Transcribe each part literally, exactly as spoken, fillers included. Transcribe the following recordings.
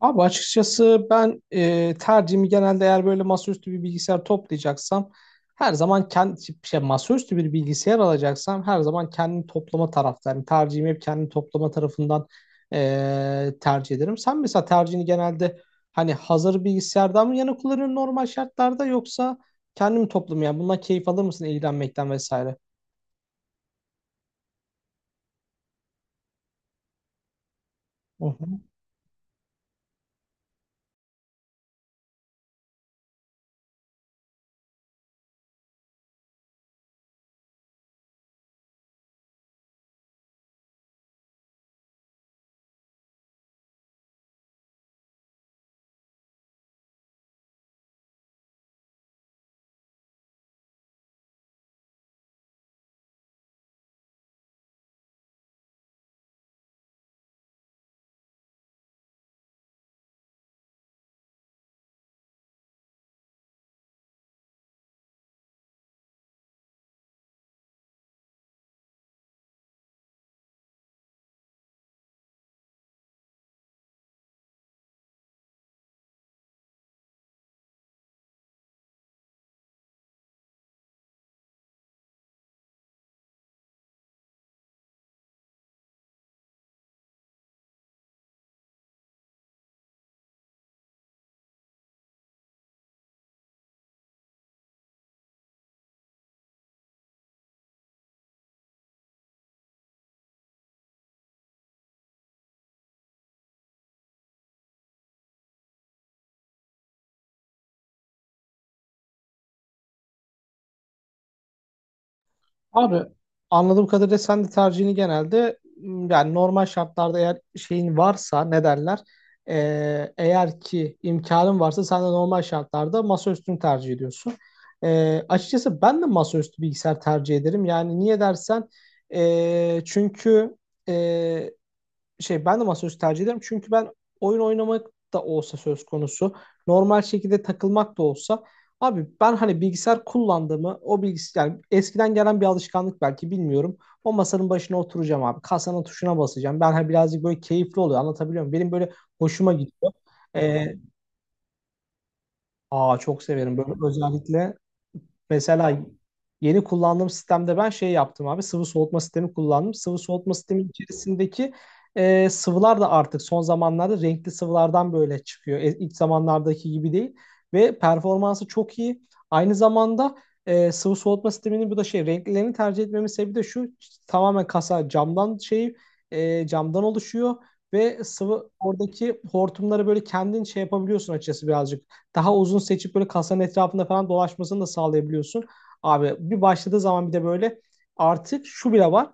Abi açıkçası ben e, tercihimi genelde eğer böyle masaüstü bir bilgisayar toplayacaksam her zaman kendi şey masaüstü bir bilgisayar alacaksam her zaman kendini toplama taraftarı. Yani tercihimi hep kendini toplama tarafından e, tercih ederim. Sen mesela tercihini genelde hani hazır bilgisayardan mı yana kullanıyorsun normal şartlarda yoksa kendini mi toplamaya bundan keyif alır mısın ilgilenmekten vesaire? Abi anladığım kadarıyla sen de tercihini genelde m, yani normal şartlarda eğer şeyin varsa ne derler. Ee, eğer ki imkanın varsa sen de normal şartlarda masaüstünü tercih ediyorsun. Ee, açıkçası ben de masaüstü bilgisayar tercih ederim. Yani niye dersen ee, çünkü şey ben de masaüstü tercih ederim. Çünkü ben oyun oynamak da olsa söz konusu, normal şekilde takılmak da olsa abi ben hani bilgisayar kullandığımı o bilgisayar yani eskiden gelen bir alışkanlık belki bilmiyorum. O masanın başına oturacağım abi. Kasanın tuşuna basacağım. Ben hani birazcık böyle keyifli oluyor. Anlatabiliyor muyum? Benim böyle hoşuma gidiyor. Ee, Aa, çok severim böyle özellikle. Mesela yeni kullandığım sistemde ben şey yaptım abi, sıvı soğutma sistemi kullandım. Sıvı soğutma sistemi içerisindeki e, sıvılar da artık son zamanlarda renkli sıvılardan böyle çıkıyor. E, ilk zamanlardaki gibi değil ve performansı çok iyi. Aynı zamanda e, sıvı soğutma sisteminin bu da şey renklerini tercih etmemin sebebi de şu: tamamen kasa camdan şey e, camdan oluşuyor ve sıvı oradaki hortumları böyle kendin şey yapabiliyorsun, açıkçası birazcık daha uzun seçip böyle kasanın etrafında falan dolaşmasını da sağlayabiliyorsun. Abi bir başladığı zaman bir de böyle artık şu bile var.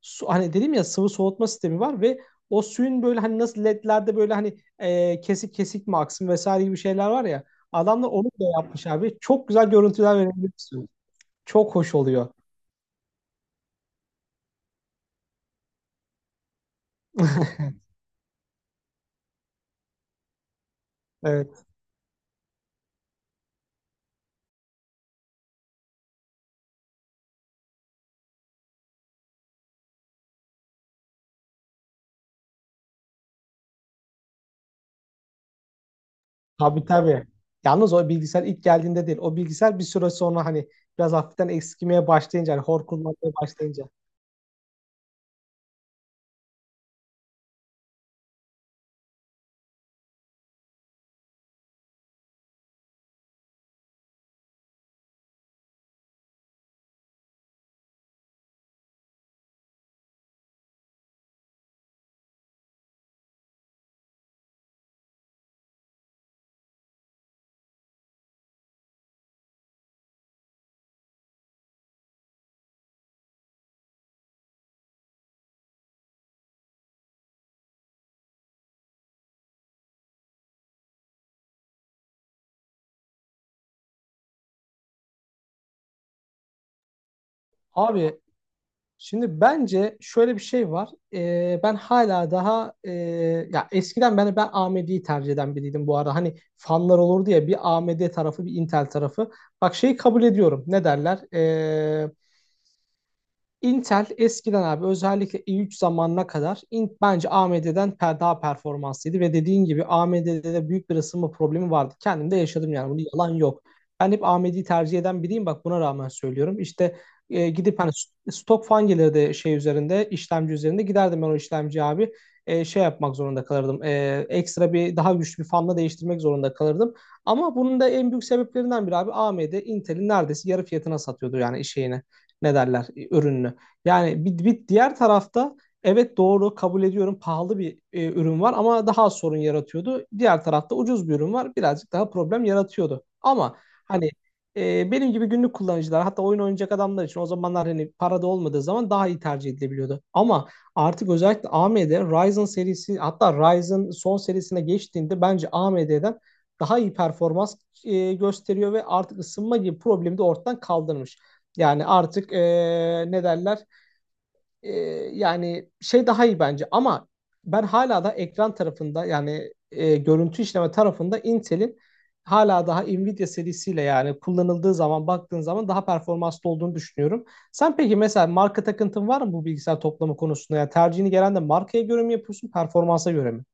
Su, hani dedim ya, sıvı soğutma sistemi var ve o suyun böyle hani nasıl ledlerde böyle hani e, kesik kesik mi aksın vesaire gibi şeyler var ya. Adamlar onu da yapmış abi. Çok güzel görüntüler verebiliyorsun. Çok hoş oluyor. Evet. Tabii, tabii. Yalnız o bilgisayar ilk geldiğinde değil. O bilgisayar bir süre sonra hani biraz hafiften eskimeye başlayınca, hani hor kullanmaya başlayınca. Abi, şimdi bence şöyle bir şey var. Ee, ben hala daha e, ya eskiden ben ben A M D'yi tercih eden biriydim bu ara. Hani fanlar olurdu ya, bir A M D tarafı bir Intel tarafı. Bak, şeyi kabul ediyorum. Ne derler? Ee, Intel eskiden abi özellikle i üç zamanına kadar in, bence A M D'den per- daha performanslıydı ve dediğin gibi A M D'de de büyük bir ısınma problemi vardı. Kendim de yaşadım, yani bunun yalan yok. Ben hep A M D'yi tercih eden biriyim, bak buna rağmen söylüyorum. İşte e, gidip hani st- stok fan gelirdi şey üzerinde işlemci üzerinde, giderdim ben o işlemci abi e, şey yapmak zorunda kalırdım. E, ekstra bir daha güçlü bir fanla değiştirmek zorunda kalırdım. Ama bunun da en büyük sebeplerinden biri abi, A M D Intel'in neredeyse yarı fiyatına satıyordu yani şeyini, ne derler, e, ürününü. Yani bir, bir diğer tarafta evet doğru kabul ediyorum, pahalı bir e, ürün var ama daha az sorun yaratıyordu. Diğer tarafta ucuz bir ürün var, birazcık daha problem yaratıyordu. Ama hani e, benim gibi günlük kullanıcılar, hatta oyun oynayacak adamlar için o zamanlar hani parada olmadığı zaman daha iyi tercih edilebiliyordu. Ama artık özellikle A M D Ryzen serisi, hatta Ryzen son serisine geçtiğinde bence A M D'den daha iyi performans e, gösteriyor ve artık ısınma gibi problemi de ortadan kaldırmış. Yani artık e, ne derler ee, yani şey daha iyi bence. Ama ben hala da ekran tarafında, yani e, görüntü işleme tarafında Intel'in hala daha Nvidia serisiyle yani kullanıldığı zaman, baktığın zaman daha performanslı olduğunu düşünüyorum. Sen peki mesela marka takıntın var mı bu bilgisayar toplama konusunda? Yani tercihini gelen de markaya göre mi yapıyorsun, performansa göre mi?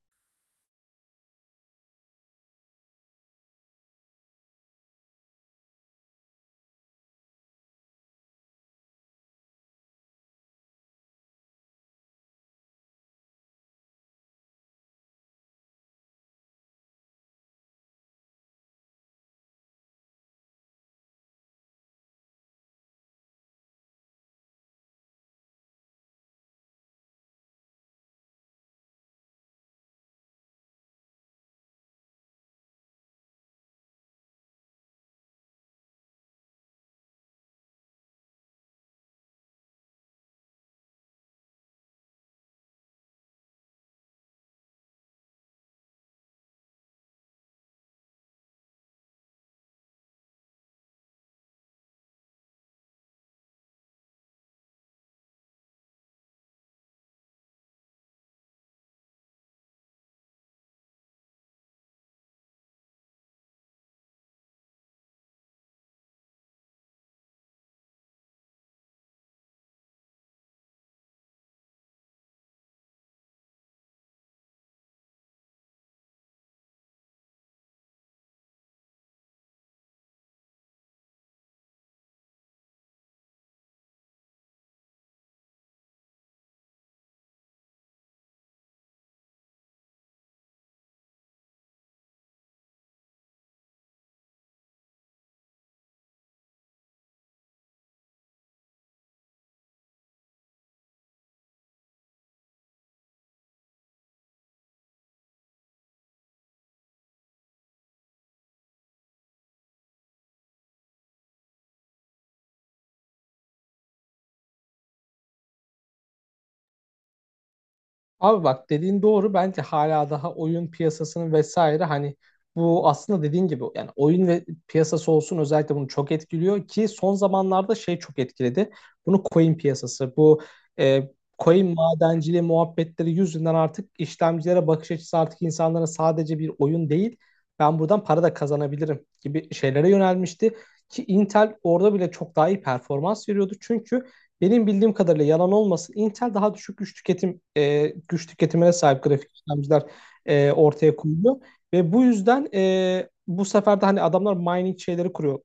Abi bak, dediğin doğru. Bence hala daha oyun piyasasının vesaire, hani bu aslında dediğin gibi, yani oyun ve piyasası olsun, özellikle bunu çok etkiliyor ki son zamanlarda şey çok etkiledi. Bunu coin piyasası, bu e, coin madenciliği muhabbetleri yüzünden artık işlemcilere bakış açısı, artık insanların sadece bir oyun değil, ben buradan para da kazanabilirim gibi şeylere yönelmişti. Ki Intel orada bile çok daha iyi performans veriyordu. Çünkü benim bildiğim kadarıyla, yalan olmasın, Intel daha düşük güç tüketim e, güç tüketimine sahip grafik işlemciler e, ortaya koyuyor ve bu yüzden e, bu sefer de hani adamlar mining şeyleri kuruyor,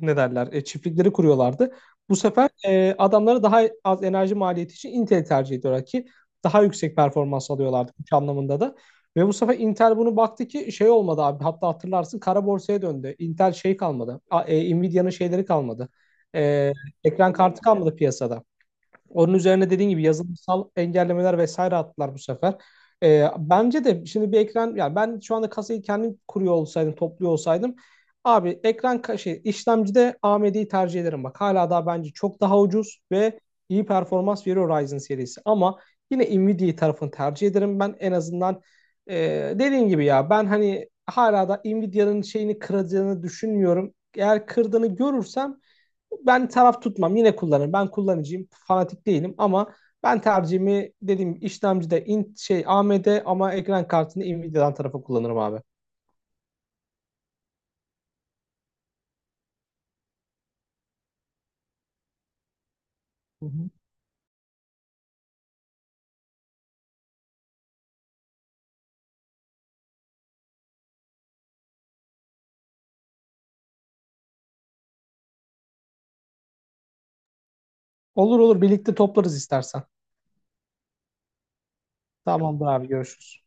ne derler, e, çiftlikleri kuruyorlardı. Bu sefer e, adamları daha az enerji maliyeti için Intel tercih ediyorlar ki daha yüksek performans alıyorlardı, güç anlamında da. Ve bu sefer Intel bunu baktı ki şey olmadı abi, hatta hatırlarsın, kara borsaya döndü. Intel şey kalmadı. A- e, Nvidia'nın şeyleri kalmadı. E, ekran kartı kalmadı piyasada. Onun üzerine dediğin gibi yazılımsal engellemeler vesaire attılar bu sefer. Ee, bence de şimdi bir ekran, yani ben şu anda kasayı kendim kuruyor olsaydım, topluyor olsaydım abi, ekran ka- şey işlemcide A M D'yi tercih ederim bak. Hala daha bence çok daha ucuz ve iyi performans veriyor Ryzen serisi. Ama yine Nvidia tarafını tercih ederim ben, en azından e, dediğin gibi ya, ben hani hala da Nvidia'nın şeyini kıracağını düşünmüyorum. Eğer kırdığını görürsem ben taraf tutmam, yine kullanırım. Ben kullanıcıyım, fanatik değilim. Ama ben tercihimi dediğim gibi, işlemcide in, şey A M D, ama ekran kartını Nvidia'dan tarafa kullanırım abi. Hı hı. Olur olur, birlikte toplarız istersen. Tamamdır abi, görüşürüz.